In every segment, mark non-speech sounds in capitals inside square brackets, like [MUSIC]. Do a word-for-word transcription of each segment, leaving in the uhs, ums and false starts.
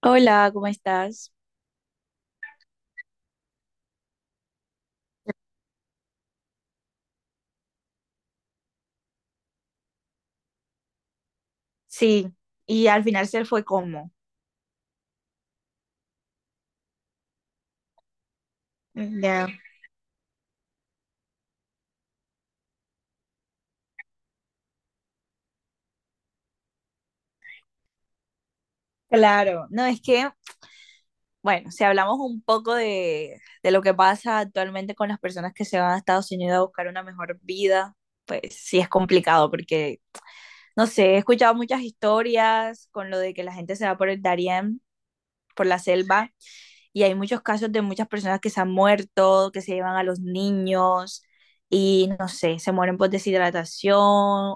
Hola, ¿cómo estás? Sí, y al final se fue como. Ya. Claro, no es que, bueno, si hablamos un poco de, de lo que pasa actualmente con las personas que se van a Estados Unidos a buscar una mejor vida, pues sí es complicado porque, no sé, he escuchado muchas historias con lo de que la gente se va por el Darién, por la selva, y hay muchos casos de muchas personas que se han muerto, que se llevan a los niños y no sé, se mueren por deshidratación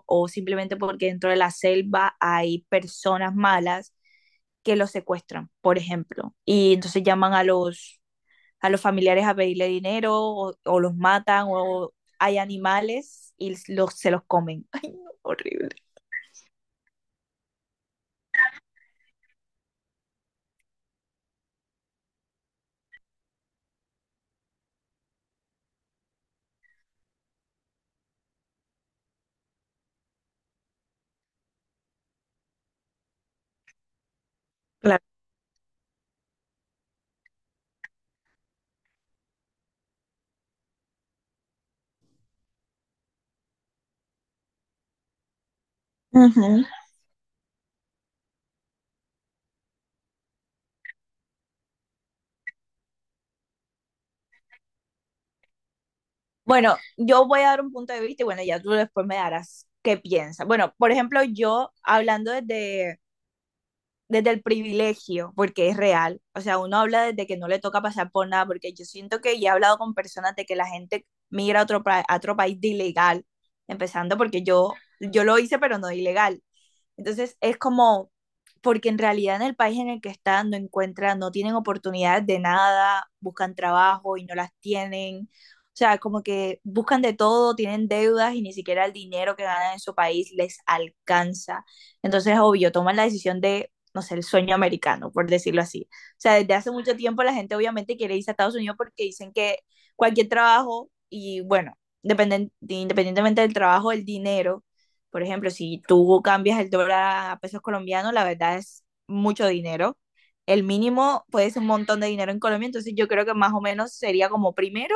o simplemente porque dentro de la selva hay personas malas que los secuestran, por ejemplo, y entonces llaman a los, a los familiares a pedirle dinero o, o los matan o hay animales y los, se los comen. [LAUGHS] Ay, no, horrible. Claro. Bueno, yo voy a dar un punto de vista y bueno, ya tú después me darás qué piensas. Bueno, por ejemplo, yo hablando desde desde el privilegio, porque es real. O sea, uno habla desde que no le toca pasar por nada, porque yo siento que ya he hablado con personas de que la gente migra a otro, pa- a otro país de ilegal, empezando porque yo, yo lo hice, pero no de ilegal. Entonces, es como, porque en realidad en el país en el que están no encuentran, no tienen oportunidades de nada, buscan trabajo y no las tienen. O sea, como que buscan de todo, tienen deudas y ni siquiera el dinero que ganan en su país les alcanza. Entonces, obvio, toman la decisión de no sé, el sueño americano, por decirlo así. O sea, desde hace mucho tiempo la gente obviamente quiere irse a Estados Unidos porque dicen que cualquier trabajo y bueno, dependen, independientemente del trabajo, el dinero, por ejemplo, si tú cambias el dólar a pesos colombianos, la verdad es mucho dinero. El mínimo puede ser un montón de dinero en Colombia, entonces yo creo que más o menos sería como primero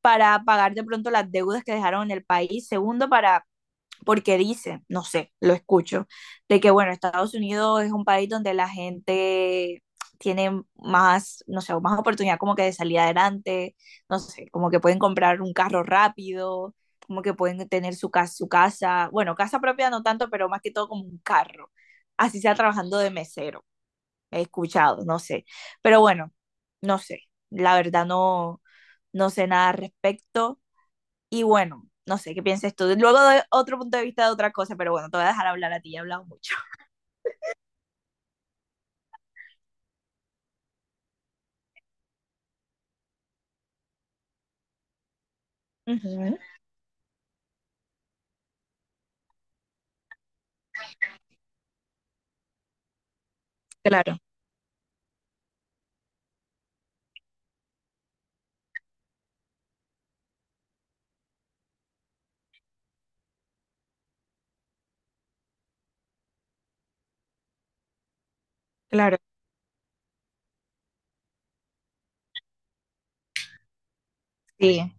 para pagar de pronto las deudas que dejaron en el país, segundo para porque dicen, no sé, lo escucho, de que bueno, Estados Unidos es un país donde la gente tiene más, no sé, más oportunidad como que de salir adelante, no sé, como que pueden comprar un carro rápido, como que pueden tener su casa, su casa, bueno, casa propia no tanto, pero más que todo como un carro, así sea trabajando de mesero, he escuchado, no sé, pero bueno, no sé, la verdad no, no sé nada al respecto y bueno, no sé qué pienses tú. Luego doy otro punto de vista de otra cosa, pero bueno, te voy a dejar hablar a ti, ya he hablado mucho. Ujú, claro, claro, sí.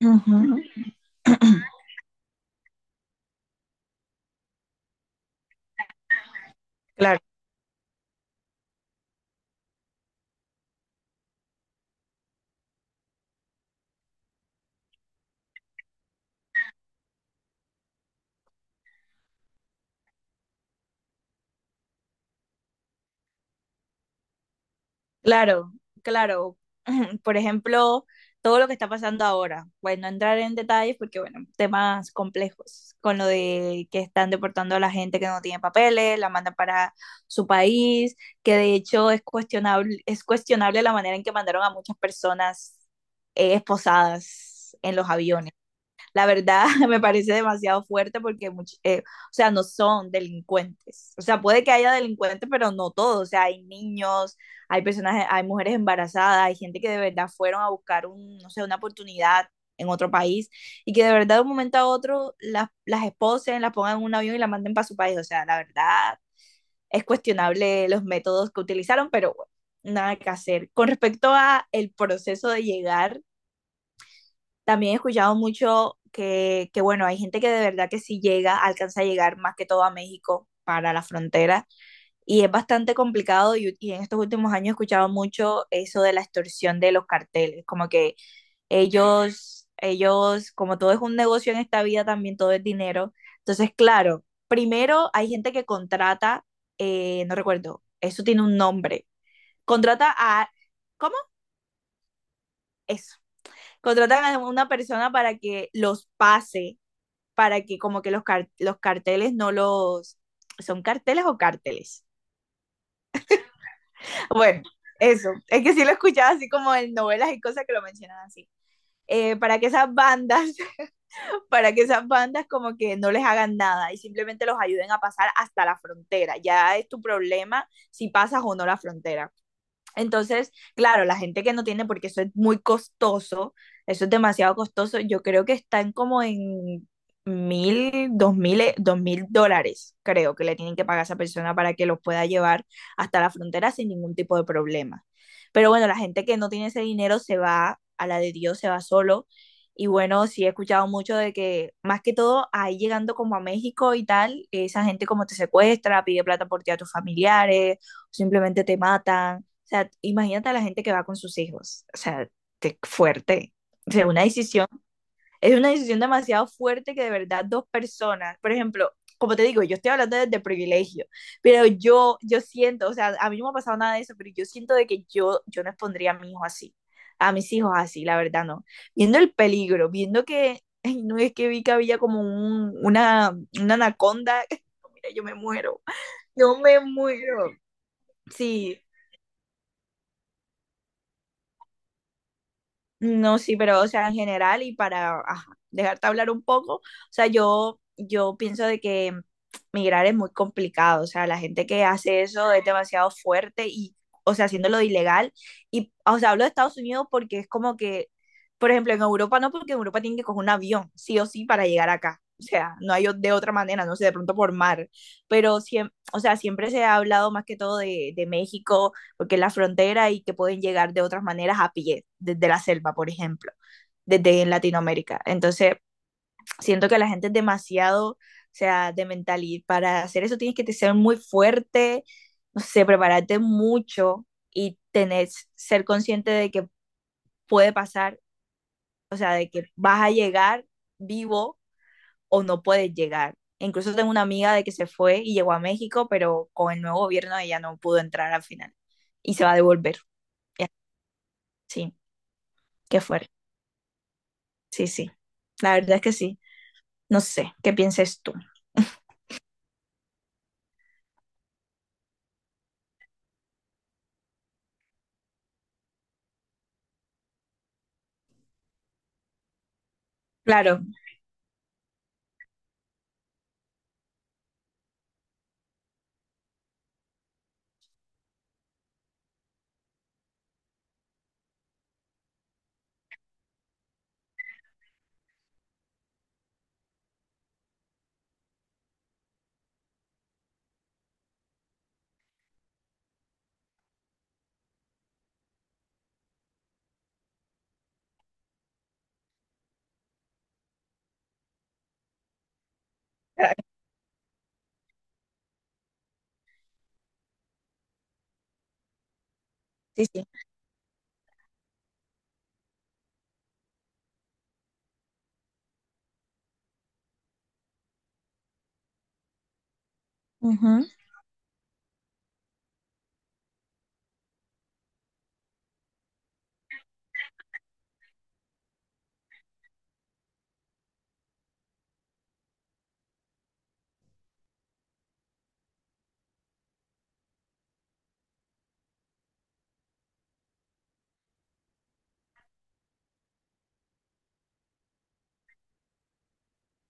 Ujú. [CLEARS THROAT] Claro. Claro, claro. [CLEARS THROAT] Por ejemplo, todo lo que está pasando ahora. Bueno, no entrar en detalles porque, bueno, temas complejos con lo de que están deportando a la gente que no tiene papeles, la mandan para su país, que de hecho es cuestionable, es cuestionable la manera en que mandaron a muchas personas eh, esposadas en los aviones la verdad [LAUGHS] me parece demasiado fuerte porque, much- eh, o sea, no son delincuentes. O sea, puede que haya delincuentes, pero no todos. O sea, hay niños, hay personas, hay mujeres embarazadas, hay gente que de verdad fueron a buscar un, no sé, una oportunidad en otro país y que de verdad de un momento a otro las, las esposen, las pongan en un avión y las manden para su país. O sea, la verdad es cuestionable los métodos que utilizaron, pero bueno, nada que hacer. Con respecto a el proceso de llegar también he escuchado mucho que, que, bueno, hay gente que de verdad que sí llega, alcanza a llegar más que todo a México para la frontera y es bastante complicado y, y en estos últimos años he escuchado mucho eso de la extorsión de los carteles, como que ellos, ellos, como todo es un negocio en esta vida, también todo es dinero. Entonces, claro, primero hay gente que contrata, eh, no recuerdo, eso tiene un nombre, contrata a, ¿cómo? Eso. Contratan a una persona para que los pase para que como que los, car- los carteles no los... ¿Son carteles o cárteles? [LAUGHS] Bueno, eso. Es que sí lo he escuchado así como en novelas y cosas que lo mencionan así. Eh, para que esas bandas, [LAUGHS] para que esas bandas como que no les hagan nada y simplemente los ayuden a pasar hasta la frontera. Ya es tu problema si pasas o no la frontera. Entonces, claro, la gente que no tiene, porque eso es muy costoso, eso es demasiado costoso, yo creo que están como en mil, dos mil, eh, dos mil dólares, creo que le tienen que pagar a esa persona para que los pueda llevar hasta la frontera sin ningún tipo de problema. Pero bueno, la gente que no tiene ese dinero se va a la de Dios, se va solo. Y bueno, sí he escuchado mucho de que, más que todo, ahí llegando como a México y tal, esa gente como te secuestra, pide plata por ti a tus familiares, simplemente te matan. O sea, imagínate a la gente que va con sus hijos. O sea, te- fuerte. O sea, una decisión, es una decisión demasiado fuerte que de verdad dos personas, por ejemplo, como te digo, yo estoy hablando desde privilegio, pero yo, yo siento, o sea, a mí no me ha pasado nada de eso, pero yo siento de que yo, yo no expondría a mi hijo así, a mis hijos así, la verdad no. Viendo el peligro, viendo que, ay, no es que vi que había como un, una, una anaconda, [LAUGHS] mira, yo me muero, yo me muero, sí. No, sí, pero o sea, en general y para ajá, dejarte hablar un poco, o sea, yo, yo pienso de que migrar es muy complicado, o sea, la gente que hace eso es demasiado fuerte y, o sea, haciéndolo ilegal. Y, o sea, hablo de Estados Unidos porque es como que, por ejemplo, en Europa no, porque en Europa tienen que coger un avión, sí o sí, para llegar acá. O sea, no hay o- de otra manera, no sé, de pronto por mar, pero siempre, o sea, siempre se ha hablado más que todo de, de México porque es la frontera y que pueden llegar de otras maneras a pie, desde la selva, por ejemplo, desde Latinoamérica. Entonces, siento que la gente es demasiado, o sea, de mentalidad. Para hacer eso tienes que ser muy fuerte, no sé, prepararte mucho y tener, ser consciente de que puede pasar, o sea, de que vas a llegar vivo o no puedes llegar. Incluso tengo una amiga de que se fue y llegó a México, pero con el nuevo gobierno ella no pudo entrar al final y se va a devolver. Sí. Qué fuerte. Sí, sí. La verdad es que sí. No sé, ¿qué pienses tú? Claro, claro, sí, sí. Ujú,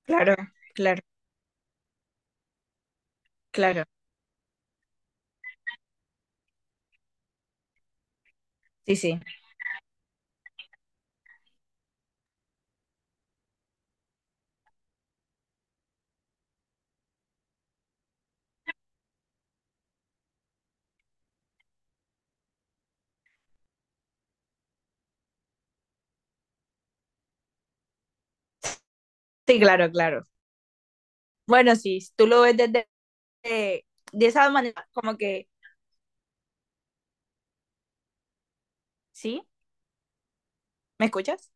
claro, claro, claro. Sí, sí. Sí, claro, claro. Bueno, sí, tú lo ves desde eh, de, esa manera, como que, ¿sí? ¿Me escuchas?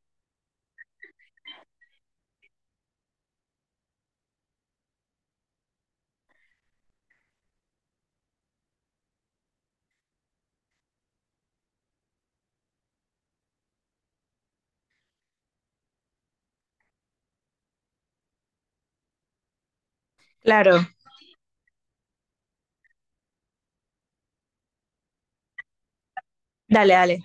Claro, dale, dale.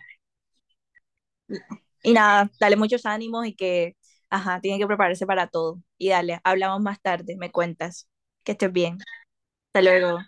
Y nada, dale muchos ánimos y que, ajá, tiene que prepararse para todo. Y dale, hablamos más tarde, me cuentas. Que estés bien. Hasta luego.